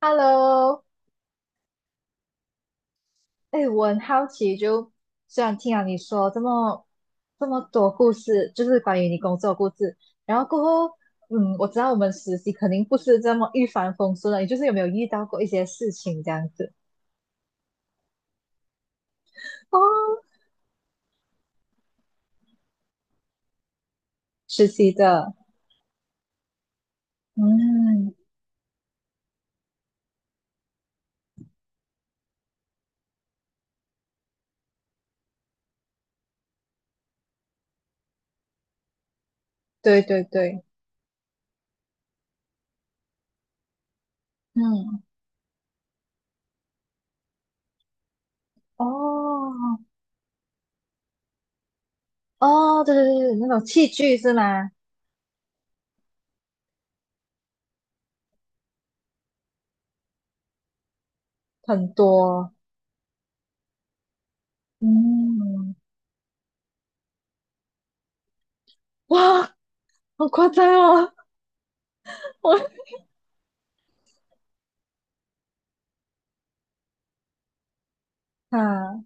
Hello，哎，我很好奇就，虽然听了你说这么多故事，就是关于你工作的故事，然后过后，嗯，我知道我们实习肯定不是这么一帆风顺的，你就是有没有遇到过一些事情这样子？哦，实习的，嗯，对对对，嗯，哦哦，对对对，对那种器具是吗？很多，嗯，哇，好夸张哦，我啊。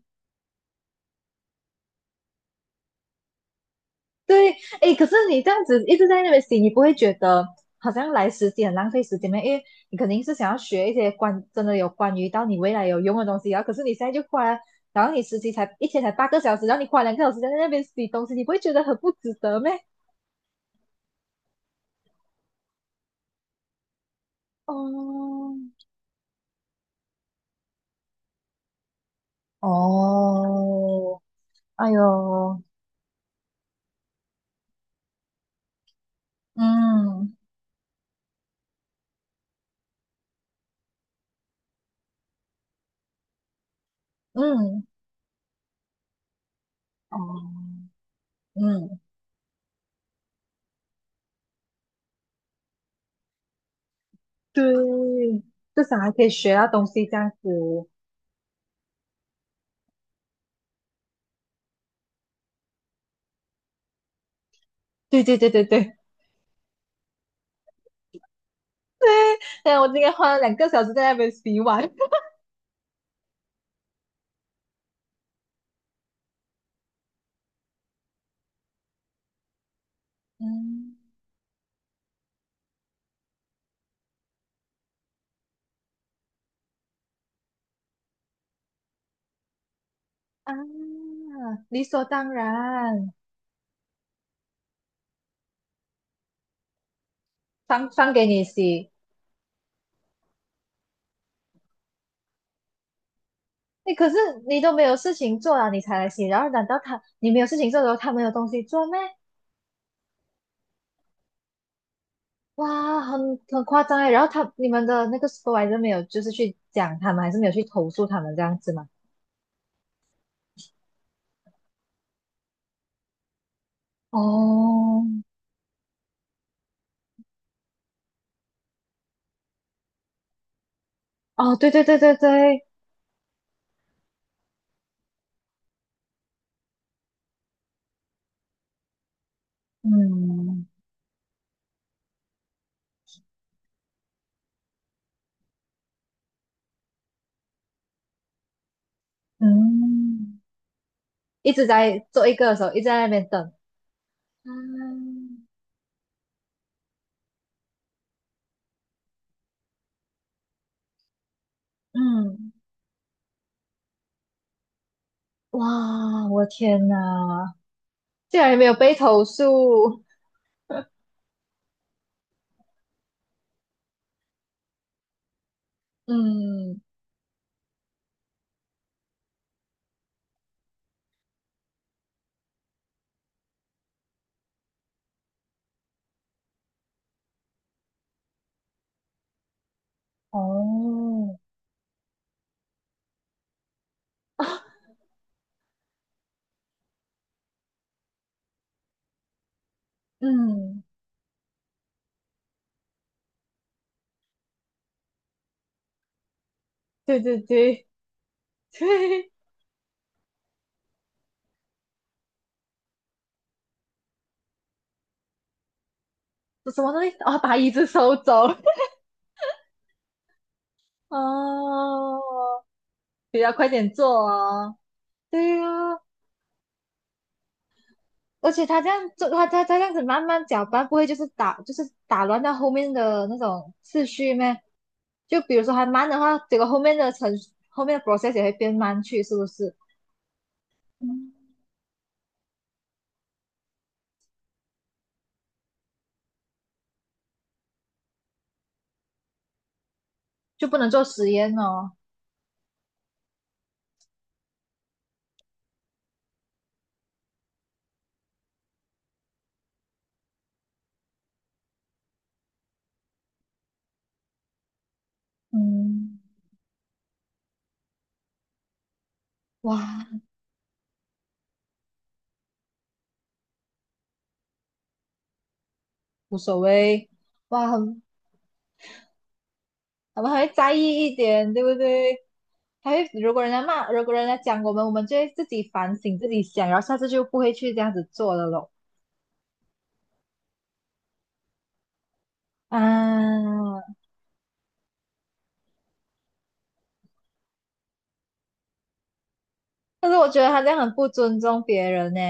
对，哎，可是你这样子一直在那边洗，你不会觉得好像来实习很浪费时间吗？因为你肯定是想要学一些真的有关于到你未来有用的东西，然后可是你现在就花，然后你实习才一天才8个小时，然后你花两个小时在那边洗东西，你不会觉得很不值得吗？哦，哦，哎呦，嗯嗯哦，嗯，对，至少还可以学到东西这样子。对对对对对。对，但我今天花了两个小时在那边洗碗。嗯啊，理所当然，放给你洗。哎，可是你都没有事情做了，你才来洗。然后难道你没有事情做的时候，他没有东西做咩？哇，很夸张哎。然后你们的那个 supervis 没有就是去讲他们，还是没有去投诉他们这样子吗？哦哦，对对对对对，嗯嗯，一直在做一个的时候，一直在那边等。嗯嗯。哇，我天哪，竟然也没有被投诉。嗯，哦，啊，嗯，对对对 对，什么东西？哦，把椅子收走。哦，比较快点做哦。对啊，而且他这样做，他这样子慢慢搅拌，不会就是打乱到后面的那种次序咩？就比如说还慢的话，结果后面的程序后面的 process 也会变慢去，是不是？嗯。就不能做实验哦。嗯，哇，无所谓，哇，我们还会在意一点，对不对？还会如果人家讲我们，我们就会自己反省自己想，然后下次就不会去这样子做了咯。啊。但是我觉得他这样很不尊重别人呢，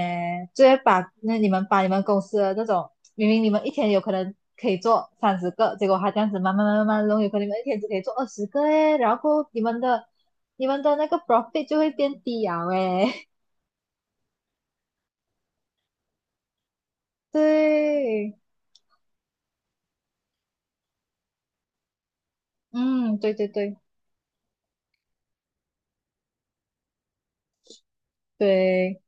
就会把你们公司的那种，明明你们一天有可能可以做30个，结果他这样子慢慢慢慢慢弄，有可能你们一天只可以做20个诶，然后你们的那个 profit 就会变低啊诶，对，嗯，对对对对。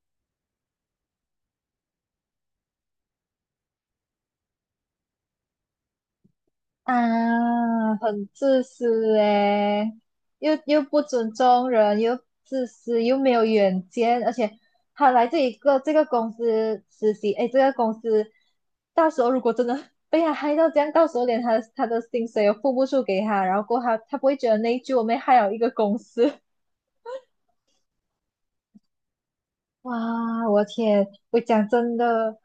啊，很自私诶，又不尊重人，又自私，又没有远见，而且他来这个公司实习，诶，这个公司到时候如果真的 被他害到这样，到时候连他的薪水也付不出给他，然后过后他不会觉得内疚，我们害了一个公司，哇，我天，我讲真的。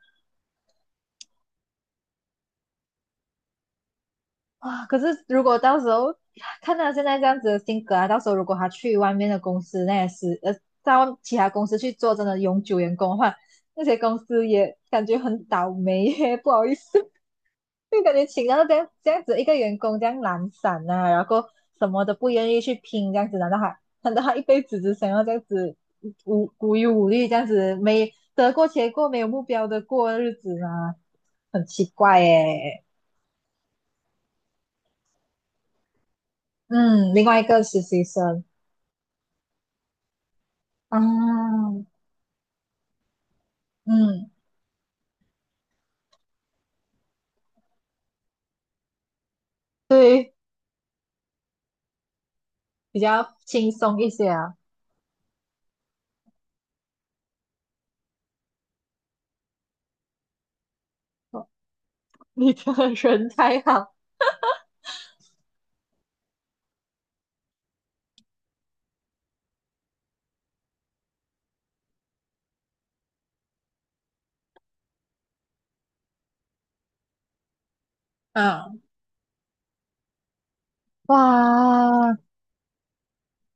啊！可是如果到时候看他现在这样子的性格啊，到时候如果他去外面的公司，那也是到其他公司去做真的永久员工的话，那些公司也感觉很倒霉耶，不好意思，就感觉请到这样子一个员工这样懒散啊，然后什么都不愿意去拼，这样子，难道他一辈子只想要这样子无忧无虑这样子，没得过且过，没有目标的过日子吗？很奇怪耶。嗯，另外一个实习生。啊，嗯，对，比较轻松一些啊。你的人太好，嗯，哇，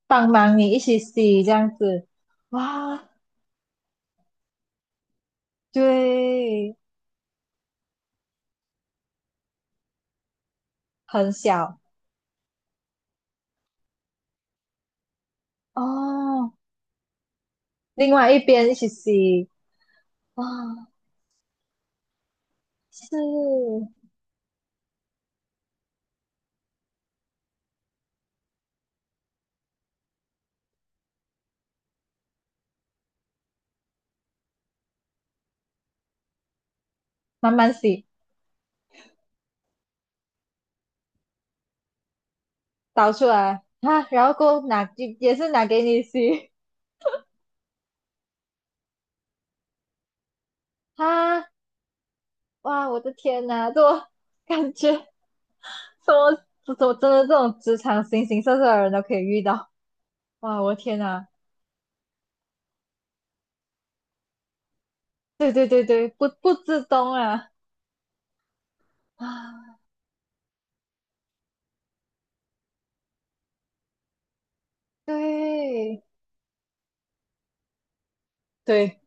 帮忙你一起洗这样子，哇，对，很小哦。另外一边一起洗，哇，是慢慢洗，倒出来啊，然后过后拿也是拿给你洗啊，哇，我的天哪，这我 感觉。什么这种真的这种职场形形色色的人都可以遇到，哇，我天呐，对对对对，不自懂啊啊，对对，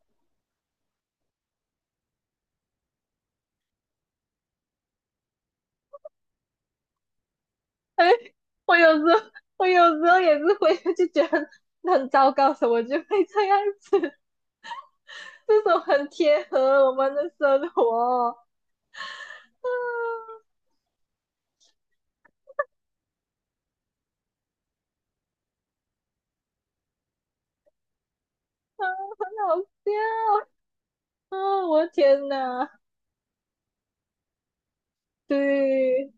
哎，我有时候我有时候也是会就觉得很糟糕，怎么就会这样子？这种很贴合我们的生活，啊，很好笑啊，我的天呐，对。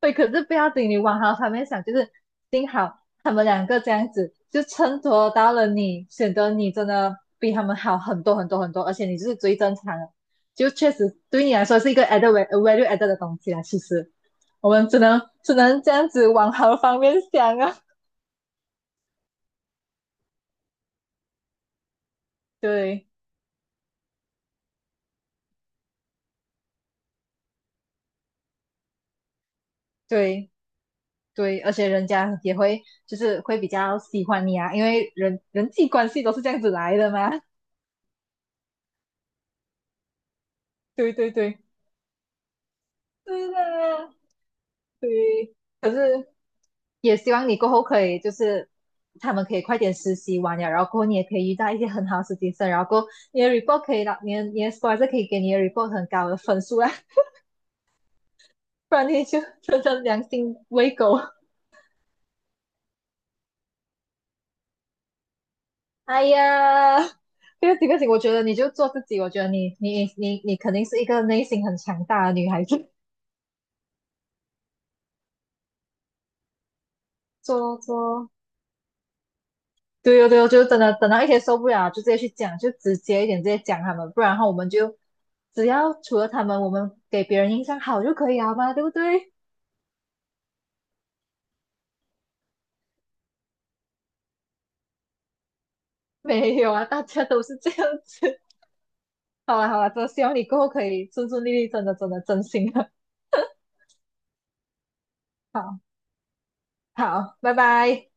对，可是不要紧，你往好方面想，就是幸好他们两个这样子，就衬托到了你，显得你真的比他们好很多很多很多，而且你就是最正常的，就确实对你来说是一个 added lue added 的东西啦。其实我们只能这样子往好方面想啊，对对对，而且人家也会就是会比较喜欢你啊，因为人际关系都是这样子来的嘛。对对对，是的啊，对。可是也希望你过后可以就是他们可以快点实习完了，然后过后你也可以遇到一些很好的实习生，然后过后你的 report 可以拿你的 sporsor 可以给你的 report 很高的分数啦，不然你就真的良心喂狗。哎呀，这个事情，我觉得你就做自己，我觉得你肯定是一个内心很强大的女孩子，做做对哦，对哦，就是真的等到一天受不了，就直接去讲，就直接一点，直接讲他们，不然的话我们就只要除了他们，我们给别人印象好就可以了嘛，对不对？没有啊，大家都是这样子。好了好了，真的希望你过后可以顺顺利利，真的真的真心的。好好，拜拜。